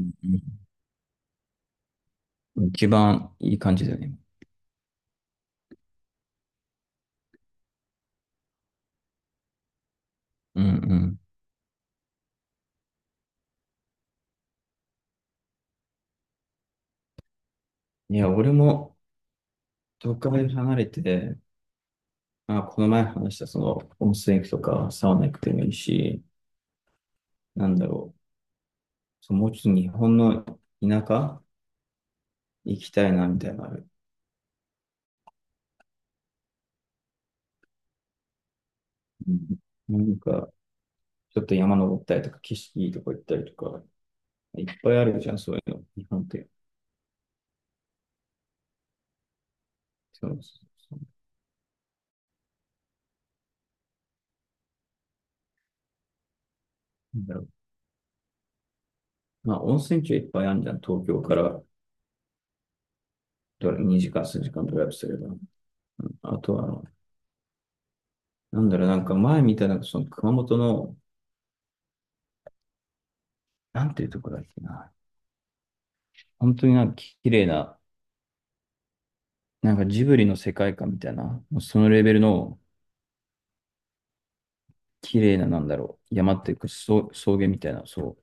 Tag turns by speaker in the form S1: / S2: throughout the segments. S1: うん。一番いい感じだよね。うんうん。いや、俺も都会離れて、まあ、この前話したその温泉行くとかサウナ行くでもいいし、なんだろう。そうもうちょっと日本の田舎行きたいなみたいなのある。うん。なんか、ちょっと山登ったりとか、景色いいとこ行ったりとか、いっぱいあるじゃん、そういうの。日本って。そうそうそう。なんだろう。まあ、温泉地はいっぱいあるじゃん。東京からどれ2時間、3時間ドライブすれば。うん、あとは、なんだろう、なんか前見たなんかその熊本の、なんていうとこだっけな。本当になんか綺麗な、なんかジブリの世界観みたいな、もうそのレベルの綺麗な、なんだろう、山っていうか草、草原みたいな、そ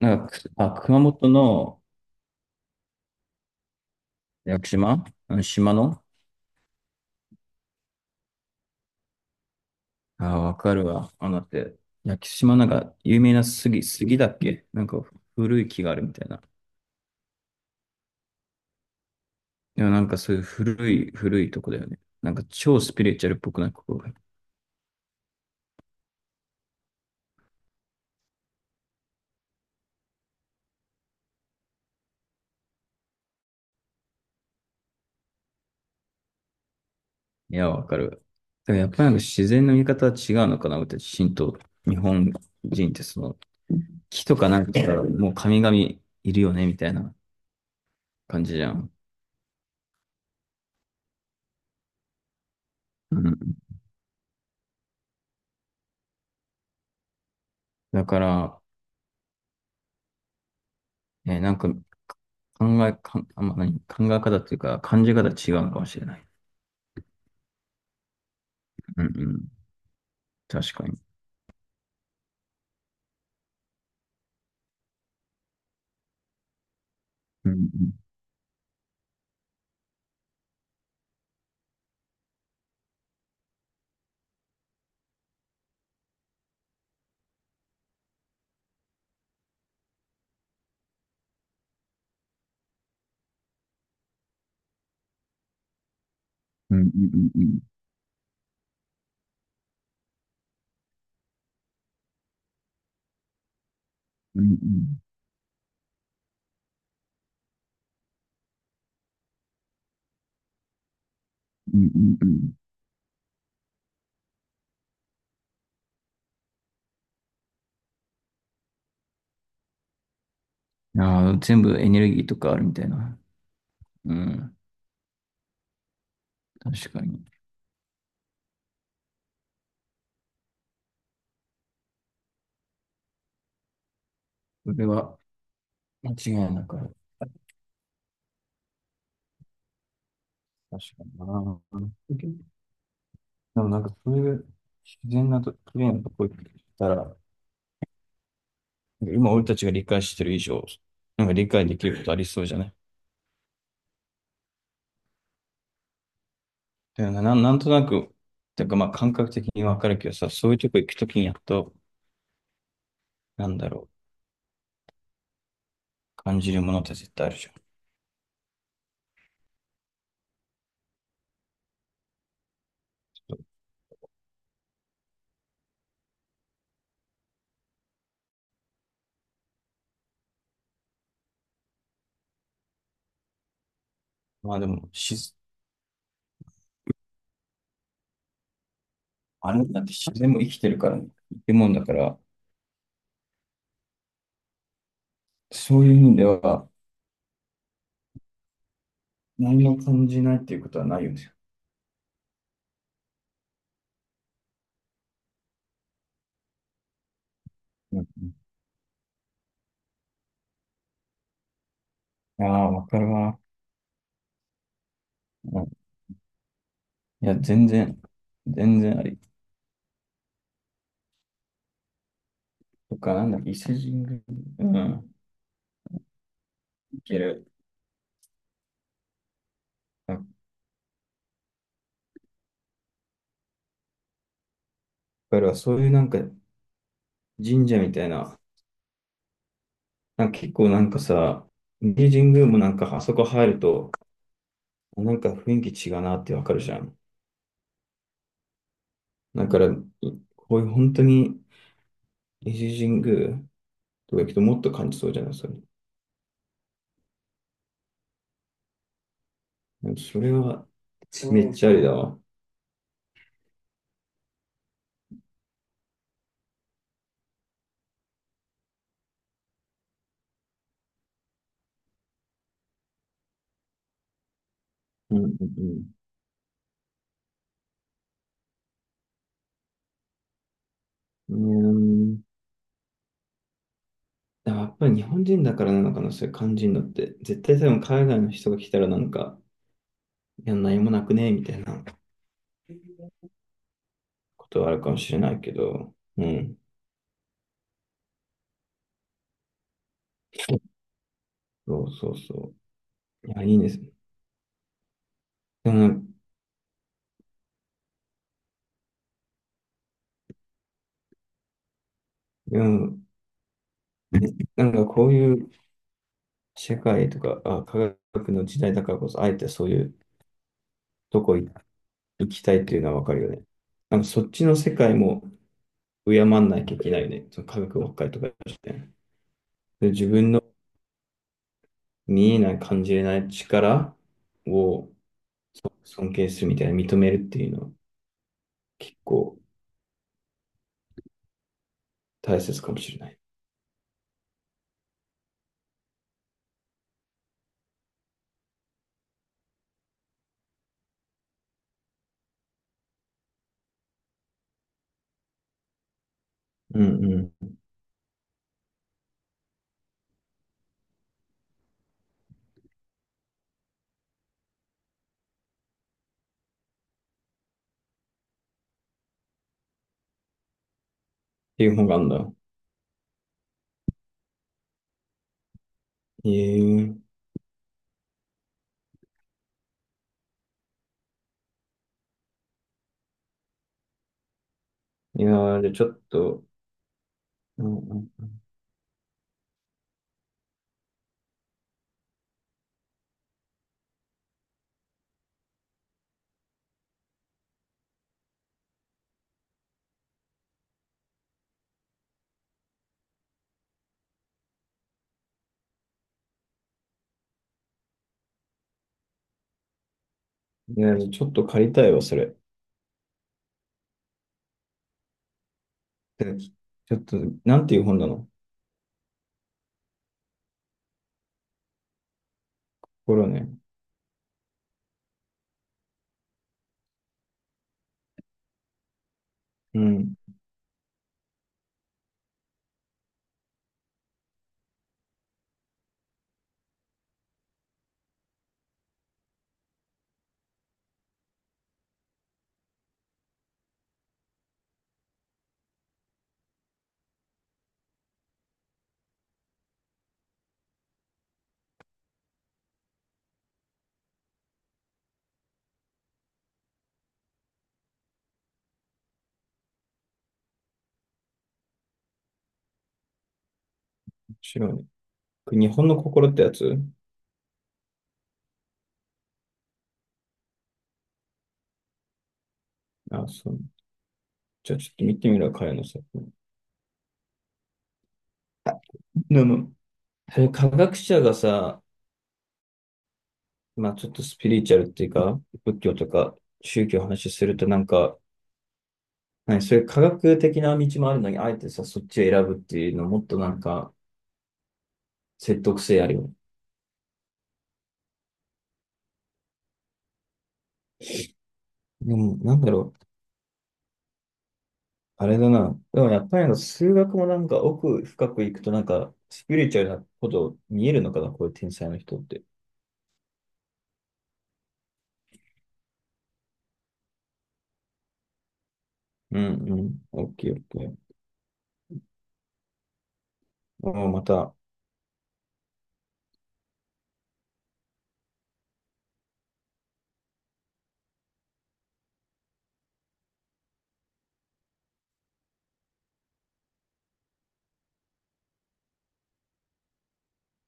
S1: う。なんかく、あ、熊本の屋久島あの島の。ああ、わかるわ。あのだって、屋久島なんか有名な杉だっけなんか古い木があるみたいな。でもなんかそういう古いとこだよね。なんか超スピリチュアルっぽくないここ。いや、わかる。だからやっぱりなんか自然の見方は違うのかな、私たち、神道、日本人ってその、木とかなんかからもう神々いるよね、みたいな感じじゃん。うん。だから、なんか考え、かんあ、まあ、何、考え方っていうか、感じ方違うのかもしれない。うんうん。確かに。うんうんうんうんうんうんうんうんうんうん。ああ、全部エネルギーとかあるみたいな。うん。確かに。それは間違いなくある。確かにな。でもなんかそういう自然なと、綺麗なとこ行ったら、なんか今俺たちが理解してる以上、なんか理解できることありそうじゃない。だよね、なん、なんとなく、てかまあ感覚的にわかるけどさ、そういうとこ行くときにやっと、なんだろう、感じるものって絶対あるじゃん。まあでも、し、あれだって自然も生きてるからね、生き物だから、そういう意味では、何も感じないっていうことはないよね。うんうん。ああ、わかるわ。うん。いや、全然、全然あり。とか、なんだっけ、伊勢神宮、うん、いける。だからそういうなんか神社みたいな、なんか結構なんかさ、伊勢神宮もなんかあそこ入ると、なんか雰囲気違うなってわかるじゃん。だから、いこういう本当に伊勢神宮とか行くともっと感じそうじゃない、それ。なんかそれはめっちゃありだわ。うんうんうん。うーん、でやっぱり日本人だからなのかな、そういう感じるのって。絶対多分海外の人が来たらなんか、いや、何もなくねみたいな。ことはあるかもしれないけど、うん。そうそうそう。いや、いいですね。でも、でも、なんかこういう社会とか、あ、科学の時代だからこそ、あえてそういうとこ行きたいっていうのはわかるよね。なんかそっちの世界も敬わなきゃいけないよね。その科学ばっかりとかして。で、自分の見えない、感じれない力を尊敬するみたいな、認めるっていうのは結構大切かもしれない。うんうん。っていう本があるんだ。ええ。いやー、で、ちょっと、うんうん。いや、ちょっと借りたいわ、それ。でちょっと、なんていう本なの。心ね。うん、面白いね。日本の心ってやつ。あ、そう。じゃあちょっと見てみるわ、彼の作品。でも、そういう科学者がさ、まあちょっとスピリチュアルっていうか、仏教とか宗教の話するとなんか、何、そういう科学的な道もあるのに、あえてさ、そっちを選ぶっていうのもっとなんか説得性あるよね。でも、なんだろう。あれだな。でもやっぱりあの数学もなんか奥深くいくとなんかスピリチュアルなこと見えるのかな、こういう天才の人って。うんうん。オッケーオッケー。もうまた